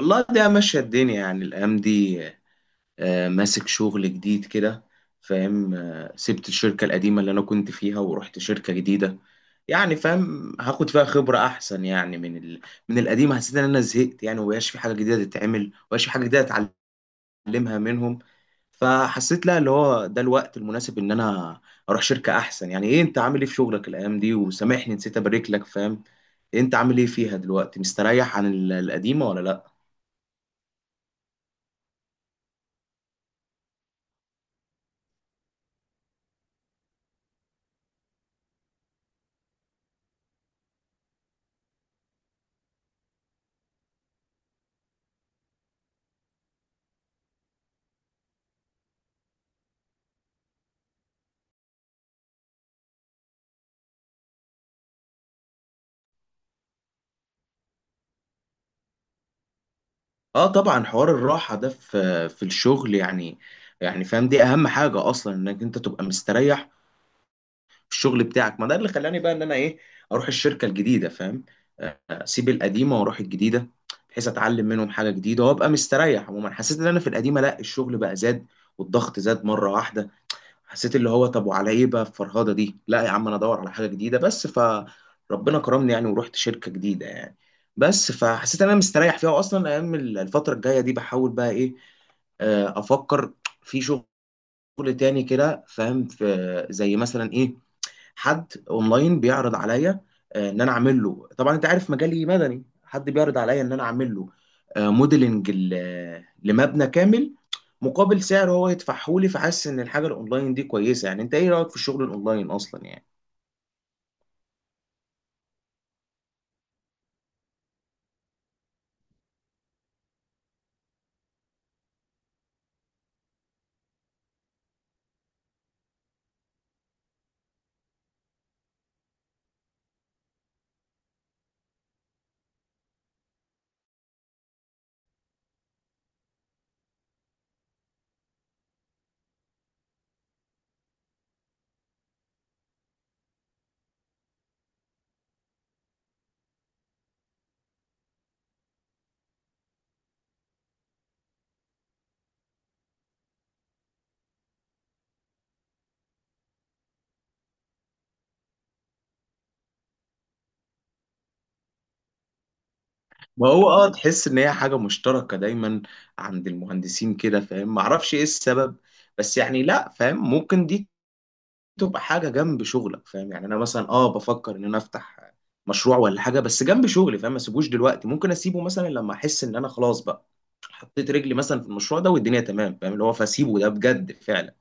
والله ده ماشية الدنيا يعني الأيام دي. ماسك شغل جديد كده. فاهم. سبت الشركة القديمة اللي أنا كنت فيها ورحت شركة جديدة. يعني فاهم هاخد فيها خبرة أحسن يعني من القديمة. حسيت إن أنا زهقت يعني ومبقاش في حاجة جديدة تتعمل ومبقاش في حاجة جديدة أتعلمها منهم. فحسيت لا، اللي هو ده الوقت المناسب إن أنا أروح شركة أحسن. يعني إيه أنت عامل إيه في شغلك الأيام دي؟ وسامحني نسيت أبارك لك. فاهم، أنت عامل إيه فيها دلوقتي؟ مستريح عن القديمة ولا لأ؟ اه طبعا، حوار الراحة ده في الشغل يعني. يعني فاهم، دي اهم حاجة اصلا، انك انت تبقى مستريح في الشغل بتاعك. ما ده اللي خلاني بقى ان انا ايه، اروح الشركة الجديدة. فاهم، اسيب القديمة واروح الجديدة، بحيث اتعلم منهم حاجة جديدة وابقى مستريح. عموما حسيت ان انا في القديمة لا، الشغل بقى زاد والضغط زاد مرة واحدة. حسيت اللي هو طب وعلى ايه بقى الفرهده دي، لا يا عم انا ادور على حاجه جديده. بس فربنا كرمني يعني ورحت شركه جديده يعني. بس فحسيت ان انا مستريح فيها. واصلا ايام الفتره الجايه دي بحاول بقى ايه، افكر في شغل تاني كده. فاهم، في زي مثلا ايه، حد اونلاين بيعرض عليا، ان انا اعمل له. طبعا انت عارف مجالي مدني، حد بيعرض عليا ان انا اعمل له، موديلنج لمبنى كامل، مقابل سعر هو يدفعه لي. فحاسس ان الحاجه الاونلاين دي كويسه. يعني انت ايه رايك في الشغل الاونلاين اصلا يعني؟ ما هو اه تحس ان هي حاجه مشتركه دايما عند المهندسين كده. فاهم، ما اعرفش ايه السبب. بس يعني لا، فاهم، ممكن دي تبقى حاجه جنب شغلك. فاهم، يعني انا مثلا اه بفكر ان انا افتح مشروع ولا حاجه، بس جنب شغلي. فاهم ما اسيبوش دلوقتي، ممكن اسيبه مثلا لما احس ان انا خلاص بقى حطيت رجلي مثلا في المشروع ده والدنيا تمام. فاهم اللي هو، فاسيبه ده بجد فعلا.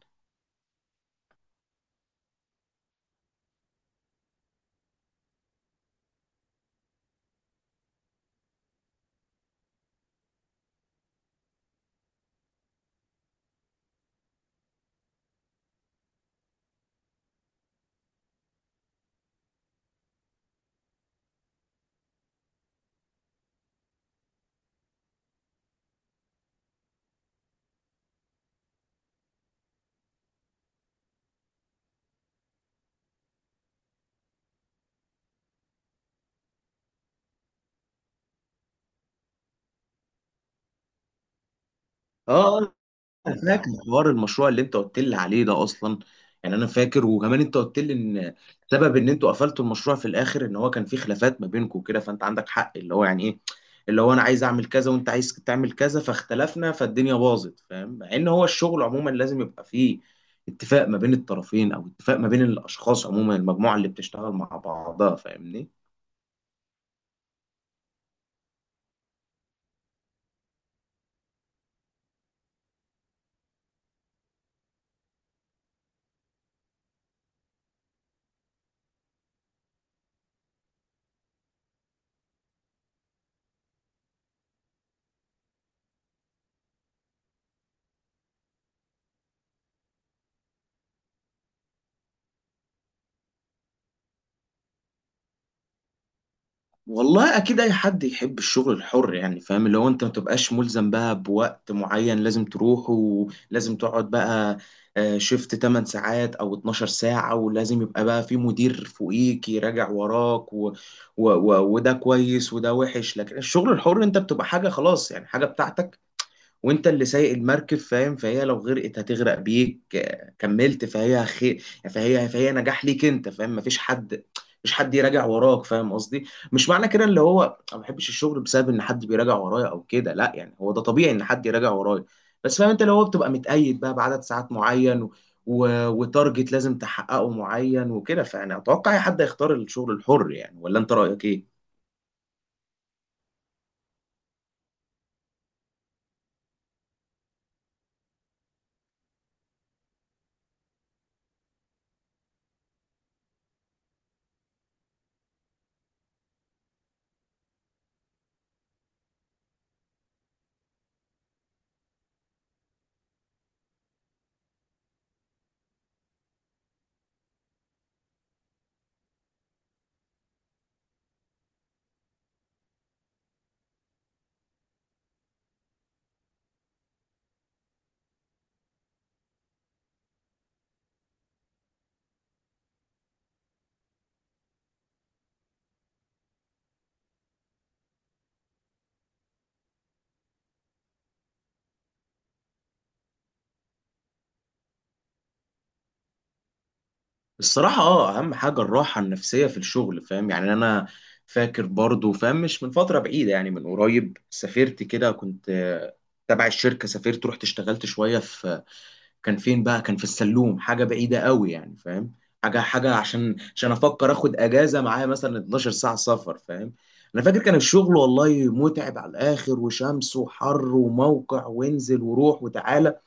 اه انا فاكر حوار المشروع اللي انت قلت لي عليه ده اصلا. يعني انا فاكر، وكمان انت قلت لي ان سبب ان انتوا قفلتوا المشروع في الاخر ان هو كان في خلافات ما بينكم كده. فانت عندك حق، اللي هو يعني ايه، اللي هو انا عايز اعمل كذا وانت عايز تعمل كذا فاختلفنا فالدنيا باظت. فاهم، مع ان هو الشغل عموما لازم يبقى فيه اتفاق ما بين الطرفين، او اتفاق ما بين الاشخاص عموما، المجموعة اللي بتشتغل مع بعضها. فاهمني. والله اكيد اي حد يحب الشغل الحر يعني. فاهم اللي هو، انت ما تبقاش ملزم بقى بوقت معين لازم تروحه ولازم تقعد بقى، شيفت 8 ساعات او 12 ساعة، ولازم يبقى بقى في مدير فوقيك يراجع وراك وده كويس وده وحش. لكن الشغل الحر انت بتبقى حاجة خلاص يعني حاجة بتاعتك، وانت اللي سايق المركب. فاهم، فهي لو غرقت هتغرق بيك، كملت فهي خير، فهي نجاح ليك انت. فاهم مفيش حد، مش حد يراجع وراك. فاهم قصدي، مش معنى كده اللي هو انا ما بحبش الشغل بسبب ان حد بيراجع ورايا او كده، لا يعني هو ده طبيعي ان حد يراجع ورايا. بس فاهم انت اللي هو بتبقى متقيد بقى بعدد ساعات معين وتارجت لازم تحققه معين وكده. فانا اتوقع اي حد هيختار الشغل الحر يعني، ولا انت رايك ايه؟ الصراحة اه أهم حاجة الراحة النفسية في الشغل. فاهم يعني أنا فاكر برضو، فاهم مش من فترة بعيدة يعني من قريب سافرت كده، كنت تبع الشركة سافرت رحت اشتغلت شوية في، كان فين بقى، كان في السلوم، حاجة بعيدة قوي يعني. فاهم، حاجة عشان أفكر آخد أجازة معايا مثلا 12 ساعة سفر. فاهم، أنا فاكر كان الشغل والله متعب على الآخر، وشمس وحر وموقع وانزل وروح وتعالى.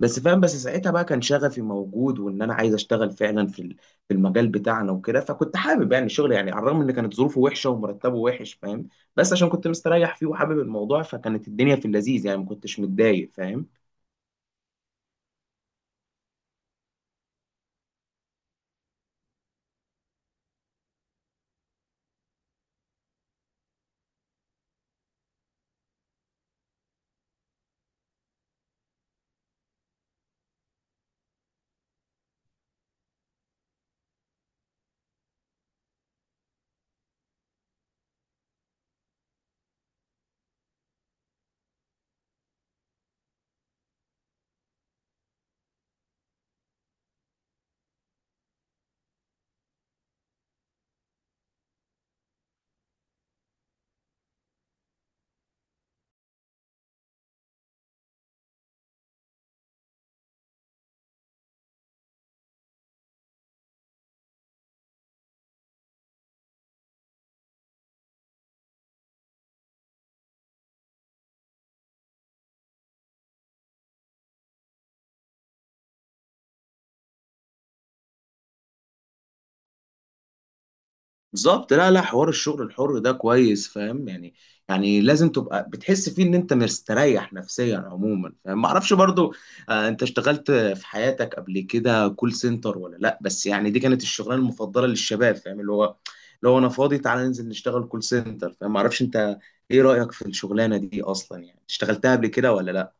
بس فاهم، بس ساعتها بقى كان شغفي موجود وان انا عايز اشتغل فعلا في في المجال بتاعنا وكده. فكنت حابب يعني الشغل يعني، على الرغم ان كانت ظروفه وحشه ومرتبه وحش. فاهم بس عشان كنت مستريح فيه وحابب الموضوع، فكانت الدنيا في اللذيذ يعني ما كنتش متضايق. فاهم، بالظبط. لا لا، حوار الشغل الحر ده كويس. فاهم يعني، يعني لازم تبقى بتحس فيه ان انت مستريح نفسيا عموما. فاهم، ما اعرفش برضو آه، انت اشتغلت في حياتك قبل كده كول سنتر ولا لا؟ بس يعني دي كانت الشغلانه المفضله للشباب. فاهم اللي هو، اللي هو انا فاضي تعالى ننزل نشتغل كول سنتر. فاهم ما اعرفش انت ايه رايك في الشغلانه دي اصلا يعني، اشتغلتها قبل كده ولا لا؟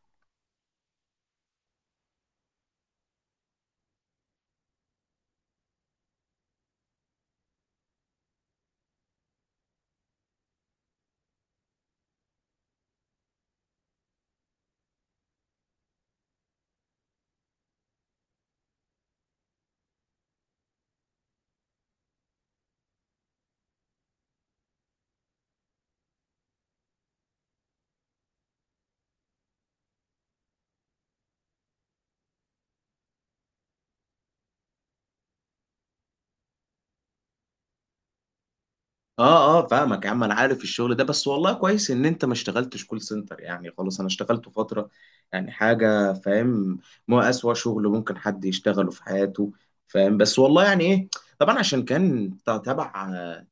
اه اه فاهمك يا عم، انا عارف الشغل ده. بس والله كويس ان انت ما اشتغلتش كول سنتر يعني. خلاص انا اشتغلت فترة يعني حاجة. فاهم، ما اسوأ شغل ممكن حد يشتغله في حياته. فاهم، بس والله يعني ايه، طبعا عشان كان ت- تبع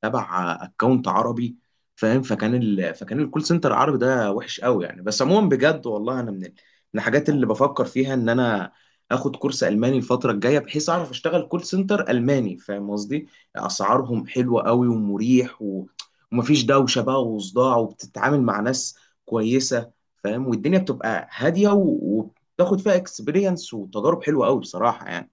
تبع اكونت عربي. فاهم، فكان الكول سنتر العربي ده وحش قوي يعني. بس عموما بجد والله انا من من الحاجات اللي بفكر فيها ان انا اخد كورس الماني الفترة الجاية، بحيث اعرف اشتغل كول سنتر الماني. فاهم قصدي، اسعارهم حلوه قوي ومريح ومفيش دوشه بقى وصداع، وبتتعامل مع ناس كويسه. فاهم، والدنيا بتبقى هاديه وبتاخد فيها اكسبيرينس وتجارب حلوه قوي بصراحه يعني.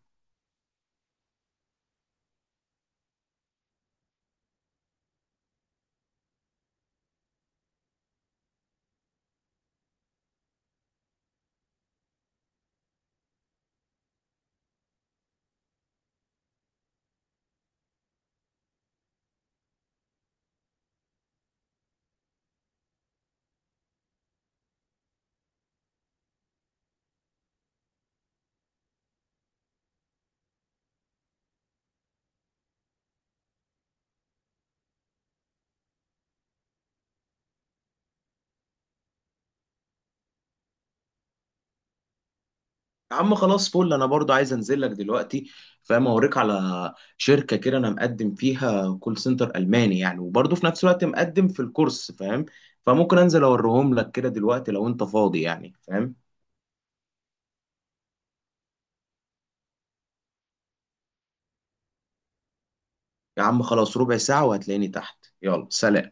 يا عم خلاص فل، انا برضو عايز انزل لك دلوقتي. فاهم اوريك على شركه كده انا مقدم فيها كول سنتر الماني يعني، وبرضو في نفس الوقت مقدم في الكورس. فاهم، فممكن انزل اوريهم لك كده دلوقتي لو انت فاضي يعني. فاهم، يا عم خلاص، ربع ساعه وهتلاقيني تحت. يلا سلام.